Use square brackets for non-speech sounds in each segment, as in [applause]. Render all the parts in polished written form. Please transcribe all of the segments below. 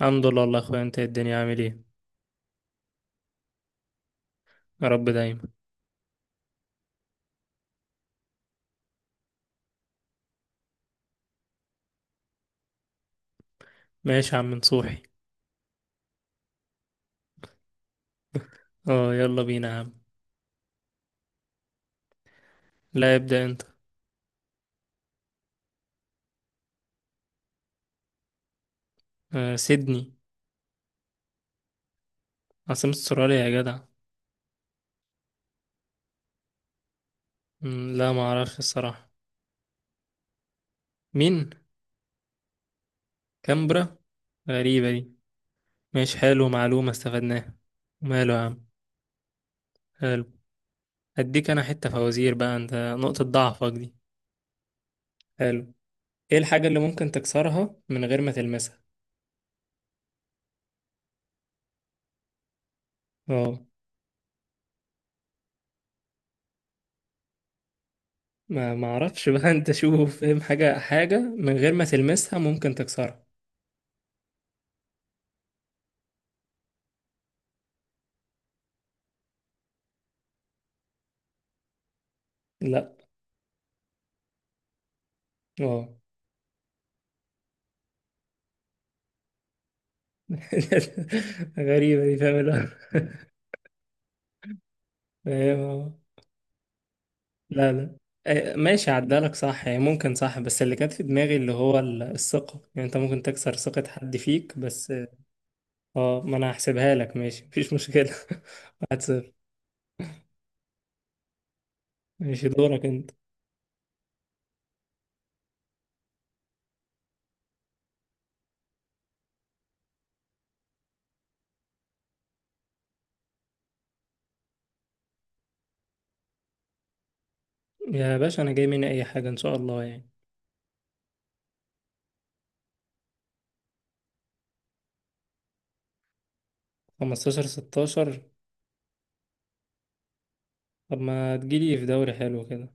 الحمد لله والله يا اخويا انت إيه الدنيا عامل ايه؟ يا رب دايما. ماشي يا عم نصوحي. اه يلا بينا يا عم. لا ابدأ انت. سيدني. عاصمة استراليا يا جدع. مم، لا ما اعرفش الصراحة. مين؟ كامبرا. غريبة دي. ماشي حلو، معلومة استفدناها. ماله يا عم. حلو. هديك انا حتة فوازير بقى انت. نقطة ضعفك دي. حلو. ايه الحاجة اللي ممكن تكسرها من غير ما تلمسها؟ اه، ما اعرفش بقى. [laughs] انت شوف، فاهم حاجة حاجة من غير ما تلمسها ممكن تكسرها؟ لا. اه. [laughs] غريبة دي، فاهم اللي هو [laughs] فاهم اه. لا لا. ماشي عدالك صح، يعني ممكن صح، بس اللي كانت في دماغي اللي هو الثقة، يعني انت ممكن تكسر ثقة حد فيك بس. اه، ما انا هحسبها لك، ماشي مفيش مشكلة. [laughs] 1-0. ماشي دورك انت. يا باشا انا جاي مني اي حاجة ان شاء الله يعني. 15 16. طب ما تجيلي في دوري حلو كده.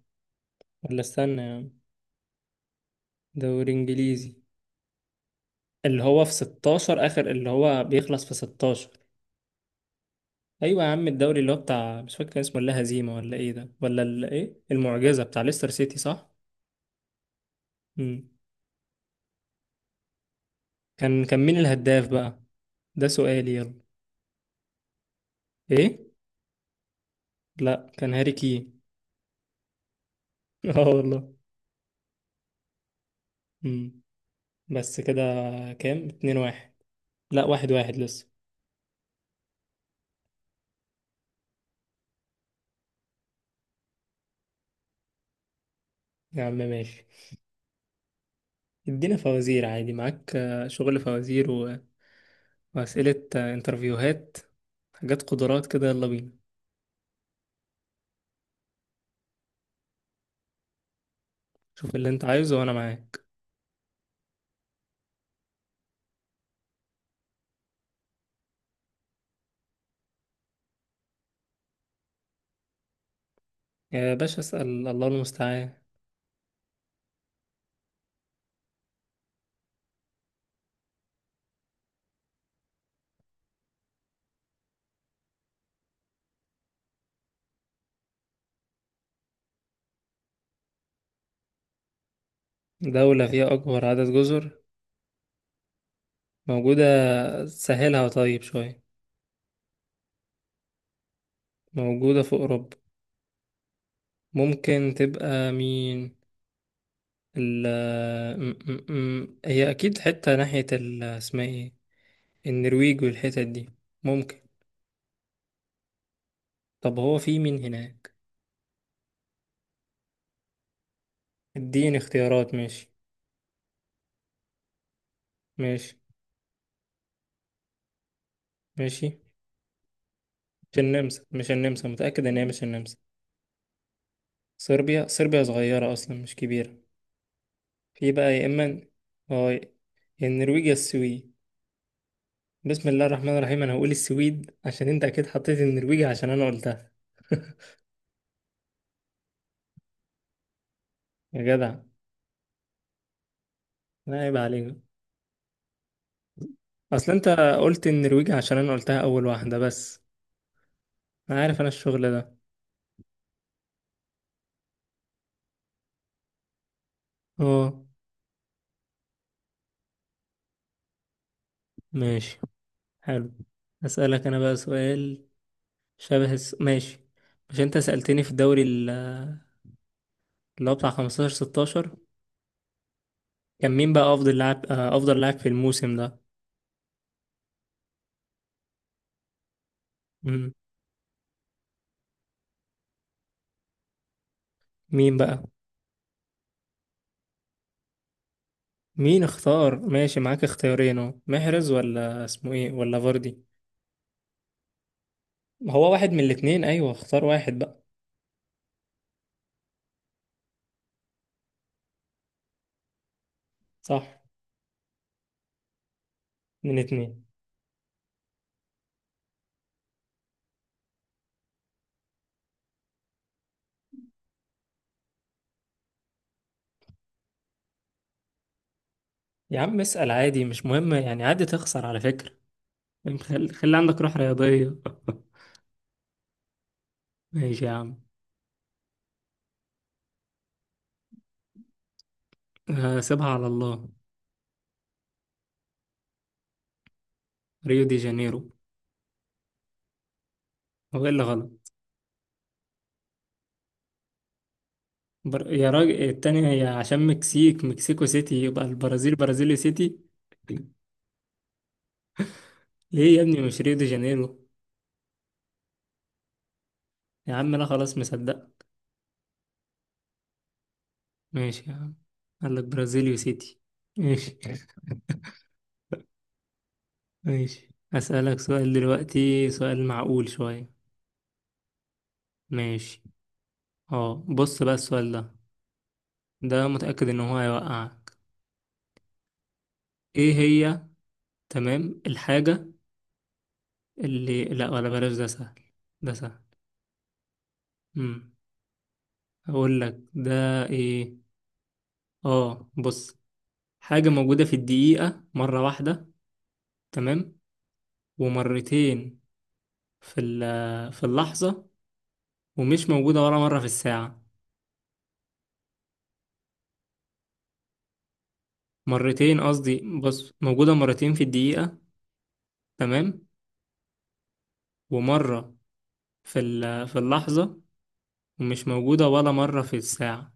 ولا استنى يعني. دوري انجليزي. اللي هو في 16، اخر اللي هو بيخلص في 16. ايوه يا عم، الدوري اللي هو بتاع، مش فاكر كان اسمه ولا هزيمه ولا ايه ده، ولا ال- ايه المعجزه بتاع ليستر سيتي، صح؟ امم. كان مين الهداف بقى؟ ده سؤالي يلا. ايه؟ لا كان هاري كين. [laughs] اه والله. امم. بس كده. كام، 2-1؟ لا 1-1 لسه. يا عم ماشي. ادينا فوازير عادي معاك، شغل فوازير و... واسئله، انترفيوهات. حاجات قدرات كده، يلا بينا. شوف اللي انت عايزه وانا معاك. يا باشا اسال، الله المستعان. دولة فيها أكبر عدد جزر؟ موجودة. سهلها طيب شوية. موجودة في أوروبا. ممكن تبقى مين؟ ال م- م- م- هي أكيد حتة ناحية ال، اسمها ايه، النرويج والحتت دي. ممكن. طب هو في مين هناك؟ اديني اختيارات ماشي. ماشي. ماشي. مش النمسا، مش النمسا، متأكد إن هي مش النمسا. صربيا، صربيا صغيرة أصلا مش كبيرة. في بقى يا إما. اه. النرويج يا السويد. بسم الله الرحمن الرحيم، انا هقول السويد عشان انت اكيد حطيت النرويج عشان انا قلتها. [laughs] يا جدع. لا عيب عليك. اصل انت قلت النرويج عشان انا قلتها اول واحدة بس. انا عارف انا الشغل ده. اه. ماشي. حلو. اسألك انا بقى سؤال. ماشي. مش انت سألتني في الدوري اللي هو بتاع 15 16؟ كان مين بقى افضل لاعب في الموسم ده؟ مم. مين بقى؟ مين اختار، ماشي معاك اختيارين، اهو محرز ولا اسمه ايه ولا فاردي. ما هو واحد من الاتنين، ايوه اختار واحد بقى. صح. من اتنين. يا عم اسأل عادي، مش مهم يعني، عادي تخسر على فكرة. خلي عندك روح رياضية. [laughs] ماشي يا عم. سيبها على الله. ريو دي جانيرو. هو ايه اللي غلط؟ يا راجل التانية، هي عشان مكسيك، مكسيكو سيتي، يبقى البرازيل برازيلي سيتي. ليه يا ابني مش ريو دي جانيرو؟ يا عم انا خلاص مصدق. ماشي يا عم. قال لك برازيليو سيتي. ماشي. [laughs] ماشي، أسألك سؤال دلوقتي سؤال معقول شوية. ماشي. اه بص بقى السؤال ده، ده متأكد ان هو هيوقعك. ايه هي تمام الحاجة اللي، لا ولا بلاش ده سهل. ده سهل. امم. هقول لك ده. ايه؟ اه بص. حاجة موجودة في الدقيقة مرة واحدة. تمام؟ ومرتين في في اللحظة. ومش موجودة ولا مرة في الساعة. مرتين قصدي، بص موجودة مرتين في الدقيقة. تمام؟ ومرة في في اللحظة. ومش موجودة ولا مرة في الساعة.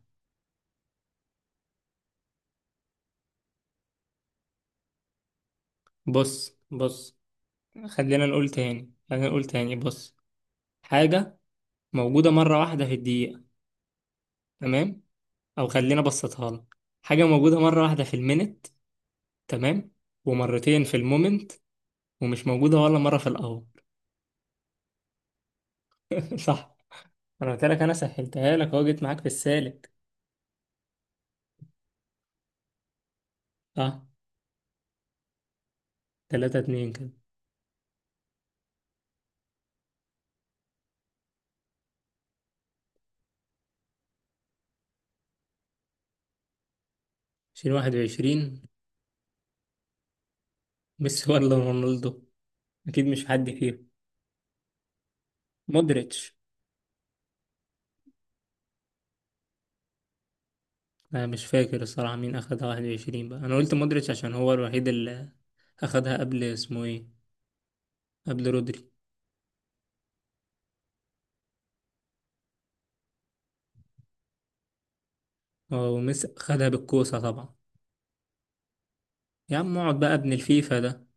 بص بص. خلينا نقول تاني، خلينا نقول تاني، بص. حاجة موجودة مرة واحدة في الدقيقة. تمام؟ أو خلينا بسطها لك. حاجة موجودة مرة واحدة في المينت. تمام؟ ومرتين في المومنت. ومش موجودة ولا مرة في الأول. [laughs] صح. أنا قلت لك، أنا سهلتها لك أهو، جيت معاك في السالك. صح. 3-2 كده. 2021؟ ميسي ولا رونالدو؟ أكيد مش حد فيهم. مودريتش. أنا مش فاكر الصراحة مين أخدها 21، بقى أنا قلت مودريتش عشان هو الوحيد اللي اخدها قبل، اسمه ايه، قبل رودري. اه وميسي خدها بالكوسة طبعا. يا عم اقعد بقى، ابن الفيفا ده.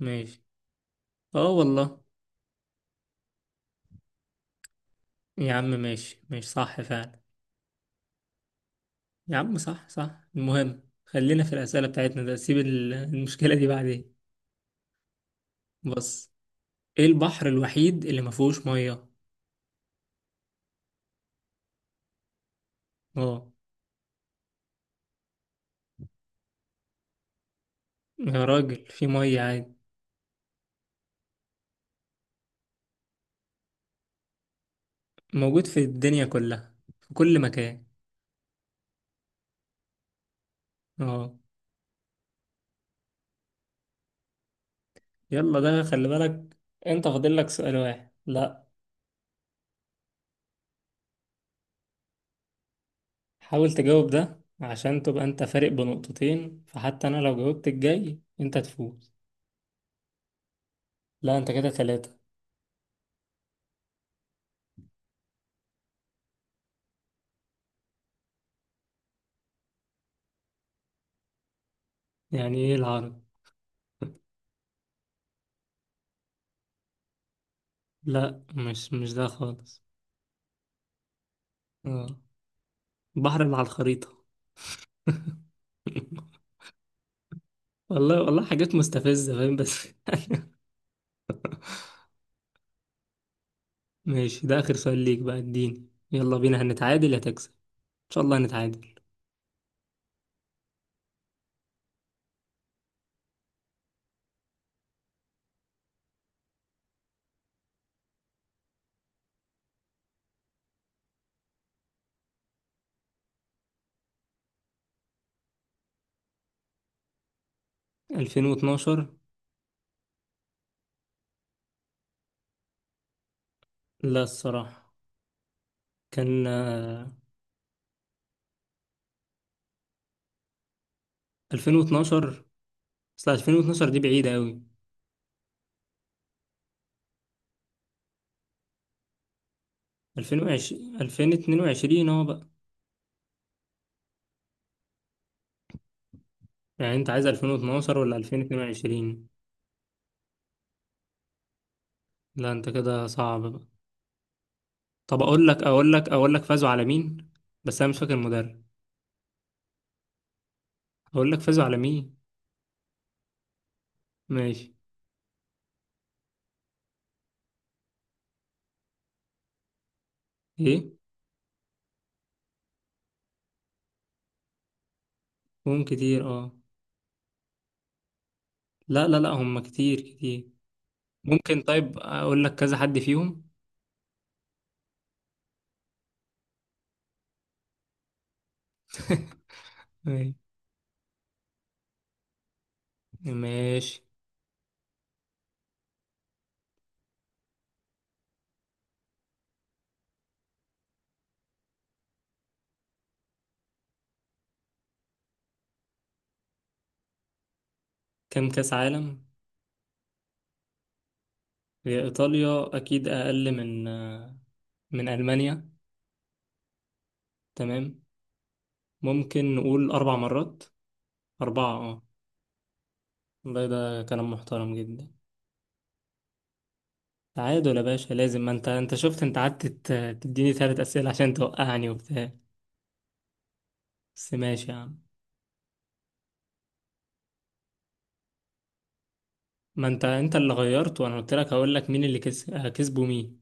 ماشي. اه والله. يا عم ماشي، ماشي صح فعلا. يا عم صح، صح، المهم خلينا في الأسئلة بتاعتنا، ده سيب المشكلة دي بعدين. بص. ايه البحر الوحيد اللي ما فيهوش مية؟ اه. يا راجل في مية عادي. موجود في الدنيا كلها، في كل مكان. اه يلا، ده خلي بالك. انت فاضل لك سؤال واحد، لا؟ حاول تجاوب ده عشان تبقى انت فارق بنقطتين، فحتى انا لو جاوبت الجاي انت تفوز. لا انت كده 3. يعني ايه العرض؟ لا، مش ده خالص. اه. البحر اللي على الخريطة. [laughs] والله والله، حاجات مستفزة فاهم بس. [laughs] ماشي ده اخر سؤال ليك بقى، اديني يلا بينا، هنتعادل يا تكسب ان شاء الله، هنتعادل. 2012؟ لا الصراحة. كان 2012، اصل 2012 دي بعيدة قوي. 2020، 2022 اهو بقى. يعني انت عايز 2012 ولا 2022؟ لا انت كده صعب بقى. طب اقول لك، اقول لك، اقول لك فازوا على مين، بس انا مش فاكر المدرب. اقول لك فازوا على مين. ماشي. ايه؟ هم كتير اه. لا لا لا، هم كتير كتير. ممكن، طيب اقول لك كذا حد فيهم. [laughs] ماشي. ماشي. كم كاس عالم؟ هي ايطاليا اكيد اقل من، من المانيا. تمام. ممكن نقول 4 مرات. 4 اه. والله ده كلام محترم جدا. تعادل يا باشا لازم، ما انت شفت، انت قعدت تديني 3 اسئله عشان توقعني وبتاع. بس ماشي يا عم. ما انت اللي غيرت، وانا قلت لك هقول لك مين اللي كس... آه، كسبه مين.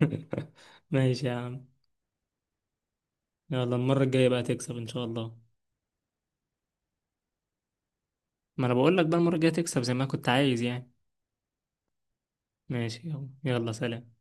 [laughs] ماشي يا عم. يلا المره الجايه بقى تكسب ان شاء الله. ما انا بقول لك بقى، المره الجايه تكسب زي ما كنت عايز يعني. ماشي يلا يلا سلام.